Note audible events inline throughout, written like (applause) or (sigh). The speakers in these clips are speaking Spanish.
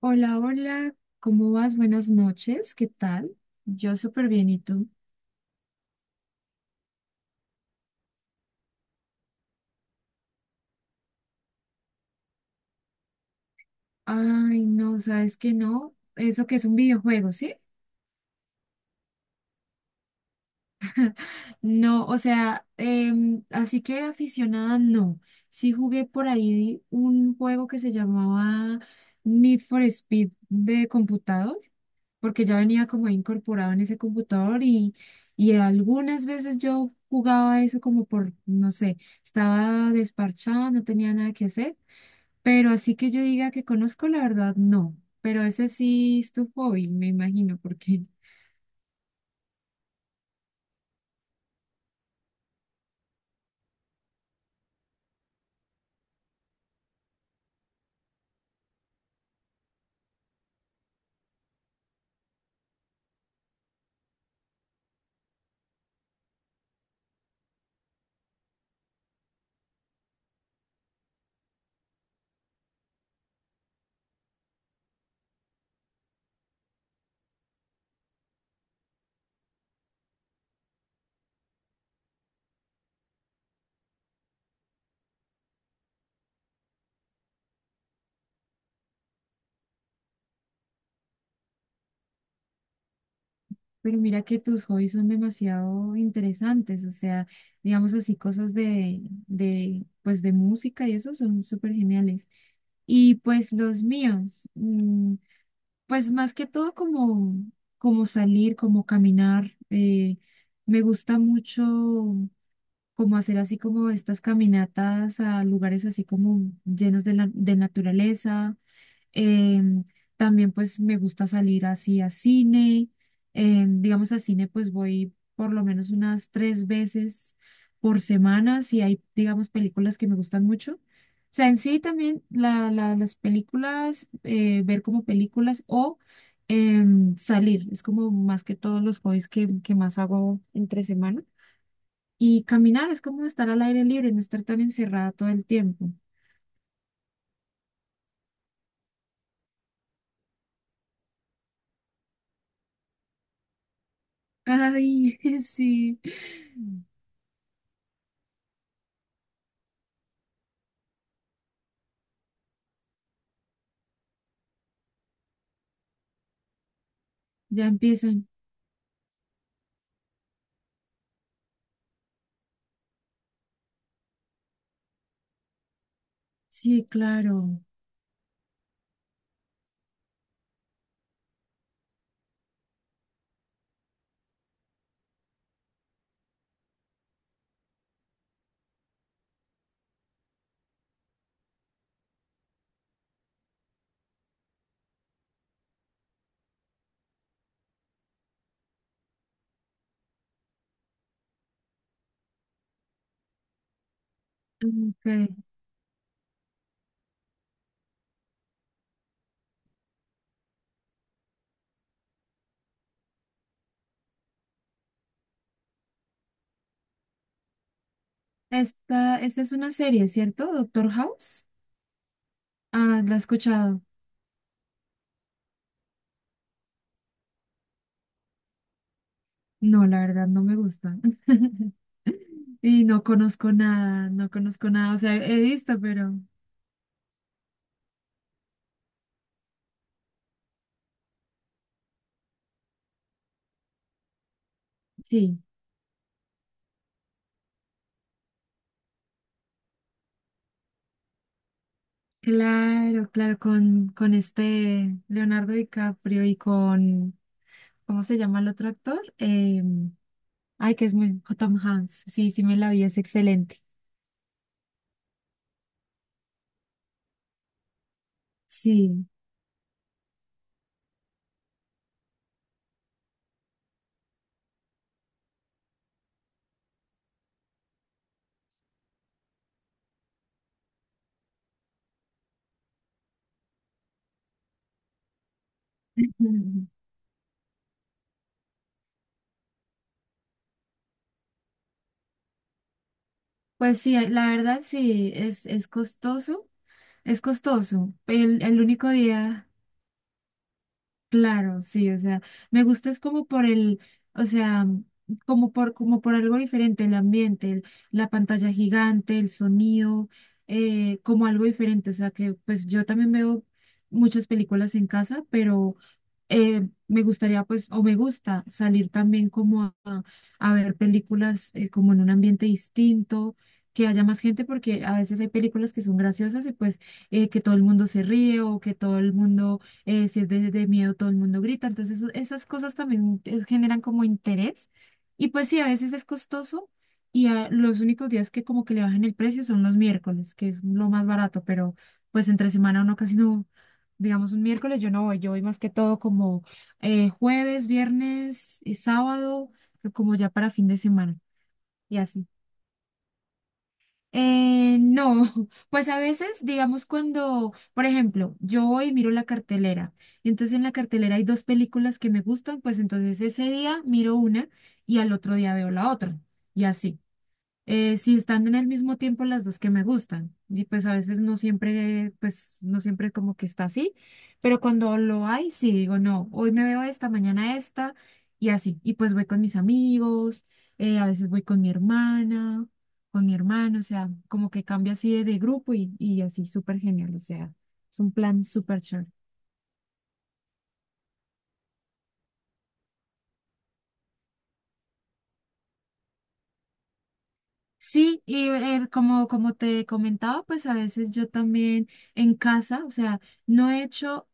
Hola, hola, ¿cómo vas? Buenas noches, ¿qué tal? Yo súper bien, ¿y tú? Ay, no, sabes que no, eso que es un videojuego, ¿sí? No, o sea, así que aficionada no. Sí jugué por ahí un juego que se llamaba Need for Speed de computador, porque ya venía como incorporado en ese computador y algunas veces yo jugaba eso como por, no sé, estaba desparchada, no tenía nada que hacer. Pero así que yo diga que conozco, la verdad, no. Pero ese sí es tu hobby, me imagino, porque… (laughs) Pero mira que tus hobbies son demasiado interesantes, o sea, digamos así, cosas de pues de música y eso son súper geniales. Y pues los míos, pues más que todo como, como salir, como caminar, me gusta mucho como hacer así como estas caminatas a lugares así como llenos de, la, de naturaleza. Em, También pues me gusta salir así a cine. Em, digamos a cine pues voy por lo menos unas 3 veces por semana si hay digamos películas que me gustan mucho. O sea, en sí también las películas, ver como películas o salir, es como más que todos los hobbies que más hago entre semana. Y caminar es como estar al aire libre, no estar tan encerrada todo el tiempo. Ay, (laughs) sí, ya empiezan. Sí, claro. Mm, ok. Esta es una serie, ¿cierto? Doctor House. Ah, ¿la he escuchado? No, la verdad, no me gusta. (laughs) Y no conozco nada, no conozco nada. O sea, he visto, pero sí. Claro, claro, con este Leonardo DiCaprio y con, ¿cómo se llama el otro actor? Ay, que es muy, Tom Hanks. Sí, sí me la vi, es excelente. Sí. (laughs) Pues sí, la verdad sí, es costoso. Es costoso. El único día… Claro, sí, o sea, me gusta es como por el, o sea, como por, como por algo diferente, el ambiente, la pantalla gigante, el sonido, como algo diferente, o sea, que pues yo también veo muchas películas en casa, pero me gustaría pues, o me gusta salir también como a ver películas como en un ambiente distinto, que haya más gente, porque a veces hay películas que son graciosas y pues que todo el mundo se ríe o que todo el mundo si es de miedo, todo el mundo grita. Entonces, esas cosas también generan como interés. Y pues sí, a veces es costoso y los únicos días que como que le bajan el precio son los miércoles, que es lo más barato, pero pues entre semana uno casi no, digamos un miércoles yo no voy, yo voy más que todo como jueves, viernes y sábado, como ya para fin de semana y así. No, (laughs) pues a veces, digamos, cuando, por ejemplo, yo voy y miro la cartelera, entonces en la cartelera hay dos películas que me gustan, pues entonces ese día miro una y al otro día veo la otra, y así si están en el mismo tiempo las dos que me gustan. Y pues a veces no siempre, pues no siempre como que está así, pero cuando lo hay, sí digo, no, hoy me veo esta, mañana esta, y así. Y pues voy con mis amigos, a veces voy con mi hermana, con mi hermano, o sea, como que cambia así de grupo y así, súper genial, o sea, es un plan súper chévere. Sí, y como, como te comentaba, pues a veces yo también en casa, o sea, no he hecho,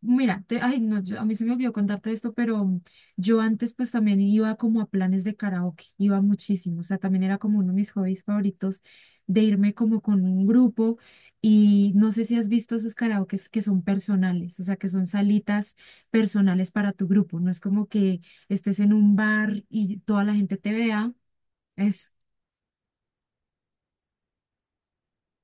mira, ay, no, a mí se me olvidó contarte esto, pero yo antes pues también iba como a planes de karaoke, iba muchísimo, o sea, también era como uno de mis hobbies favoritos de irme como con un grupo y no sé si has visto esos karaokes que son personales, o sea, que son salitas personales para tu grupo, no es como que estés en un bar y toda la gente te vea. Eso.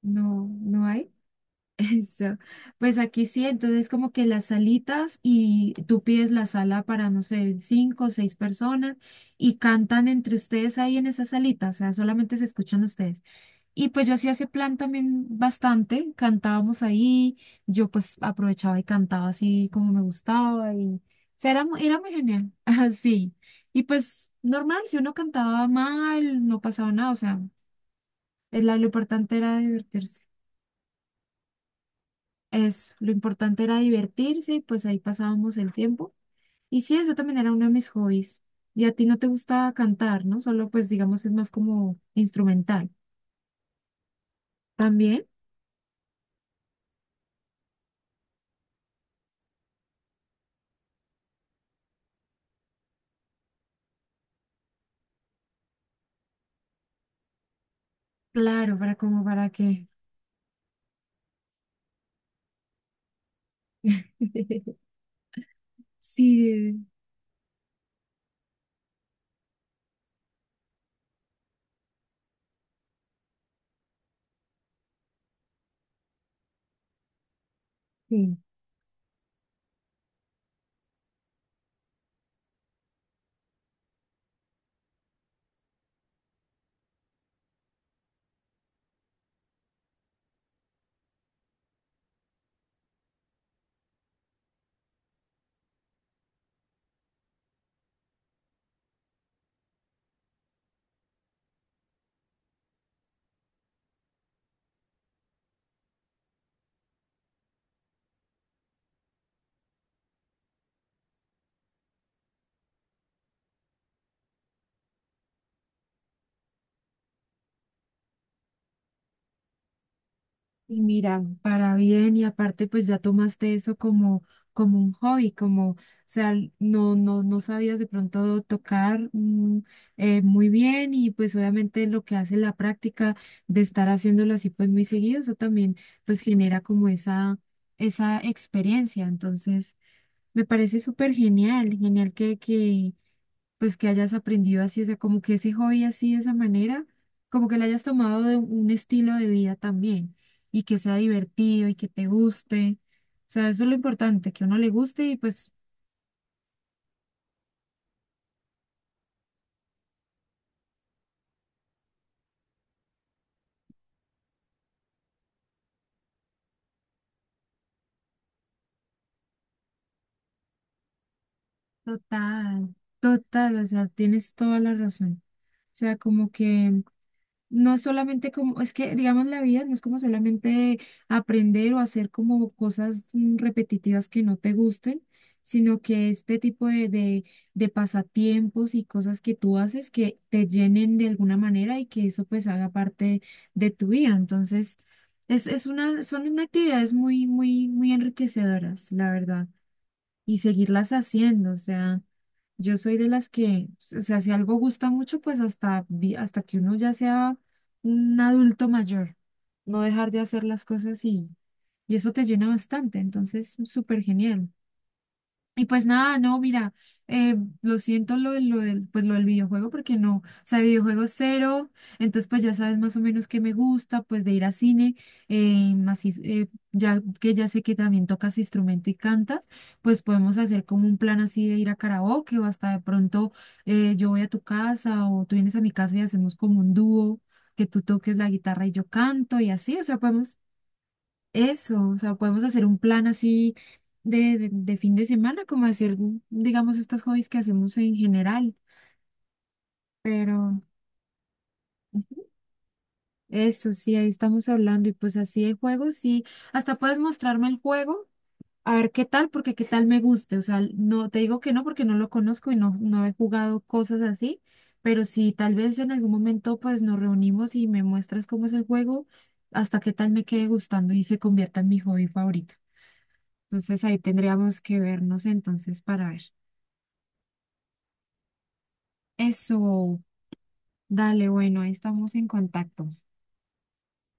No, no hay. (laughs) Eso. Pues aquí sí, entonces como que las salitas y tú pides la sala para, no sé, 5 o 6 personas y cantan entre ustedes ahí en esa salita, o sea, solamente se escuchan ustedes. Y pues yo hacía ese plan también bastante, cantábamos ahí, yo pues aprovechaba y cantaba así como me gustaba y, o sea, era, era muy genial, (laughs) así. Y pues normal, si uno cantaba mal, no pasaba nada, o sea, lo importante era divertirse. Es, lo importante era divertirse y pues ahí pasábamos el tiempo. Y sí, eso también era uno de mis hobbies. Y a ti no te gusta cantar, ¿no? Solo pues digamos es más como instrumental. También, claro, para como para que… (laughs) Sí, sí. Y mira, para bien, y aparte pues ya tomaste eso como, como un hobby, como, o sea, no, no, no sabías de pronto tocar muy bien y pues obviamente lo que hace la práctica de estar haciéndolo así pues muy seguido, eso también pues genera como esa experiencia. Entonces, me parece súper genial, genial pues que hayas aprendido así, o sea, como que ese hobby así de esa manera, como que le hayas tomado de un estilo de vida también y que sea divertido y que te guste. O sea, eso es lo importante, que a uno le guste y pues total, total, o sea, tienes toda la razón. O sea, como que no es solamente como, es que digamos la vida no es como solamente aprender o hacer como cosas repetitivas que no te gusten, sino que este tipo de de pasatiempos y cosas que tú haces que te llenen de alguna manera y que eso pues haga parte de tu vida. Entonces, es una, son unas actividades muy, muy, muy enriquecedoras, la verdad, y seguirlas haciendo. O sea, yo soy de las que, o sea, si algo gusta mucho, pues hasta, hasta que uno ya sea un adulto mayor, no dejar de hacer las cosas y eso te llena bastante. Entonces, súper genial. Y pues nada, no, mira, eh, lo siento lo, lo del, pues lo del videojuego porque no, o sea, videojuego cero, entonces pues ya sabes más o menos qué me gusta, pues de ir a cine, ya que ya sé que también tocas instrumento y cantas, pues podemos hacer como un plan así de ir a karaoke o hasta de pronto yo voy a tu casa o tú vienes a mi casa y hacemos como un dúo, que tú toques la guitarra y yo canto y así, o sea, podemos eso, o sea, podemos hacer un plan así de de fin de semana, como hacer, digamos, estos hobbies que hacemos en general, pero eso sí, ahí estamos hablando y pues así de juegos, sí, hasta puedes mostrarme el juego, a ver qué tal, porque qué tal me guste, o sea, no te digo que no porque no lo conozco y no, no he jugado cosas así, pero si tal vez en algún momento pues nos reunimos y me muestras cómo es el juego, hasta qué tal me quede gustando y se convierta en mi hobby favorito. Entonces ahí tendríamos que vernos entonces para ver. Eso, dale, bueno, ahí estamos en contacto.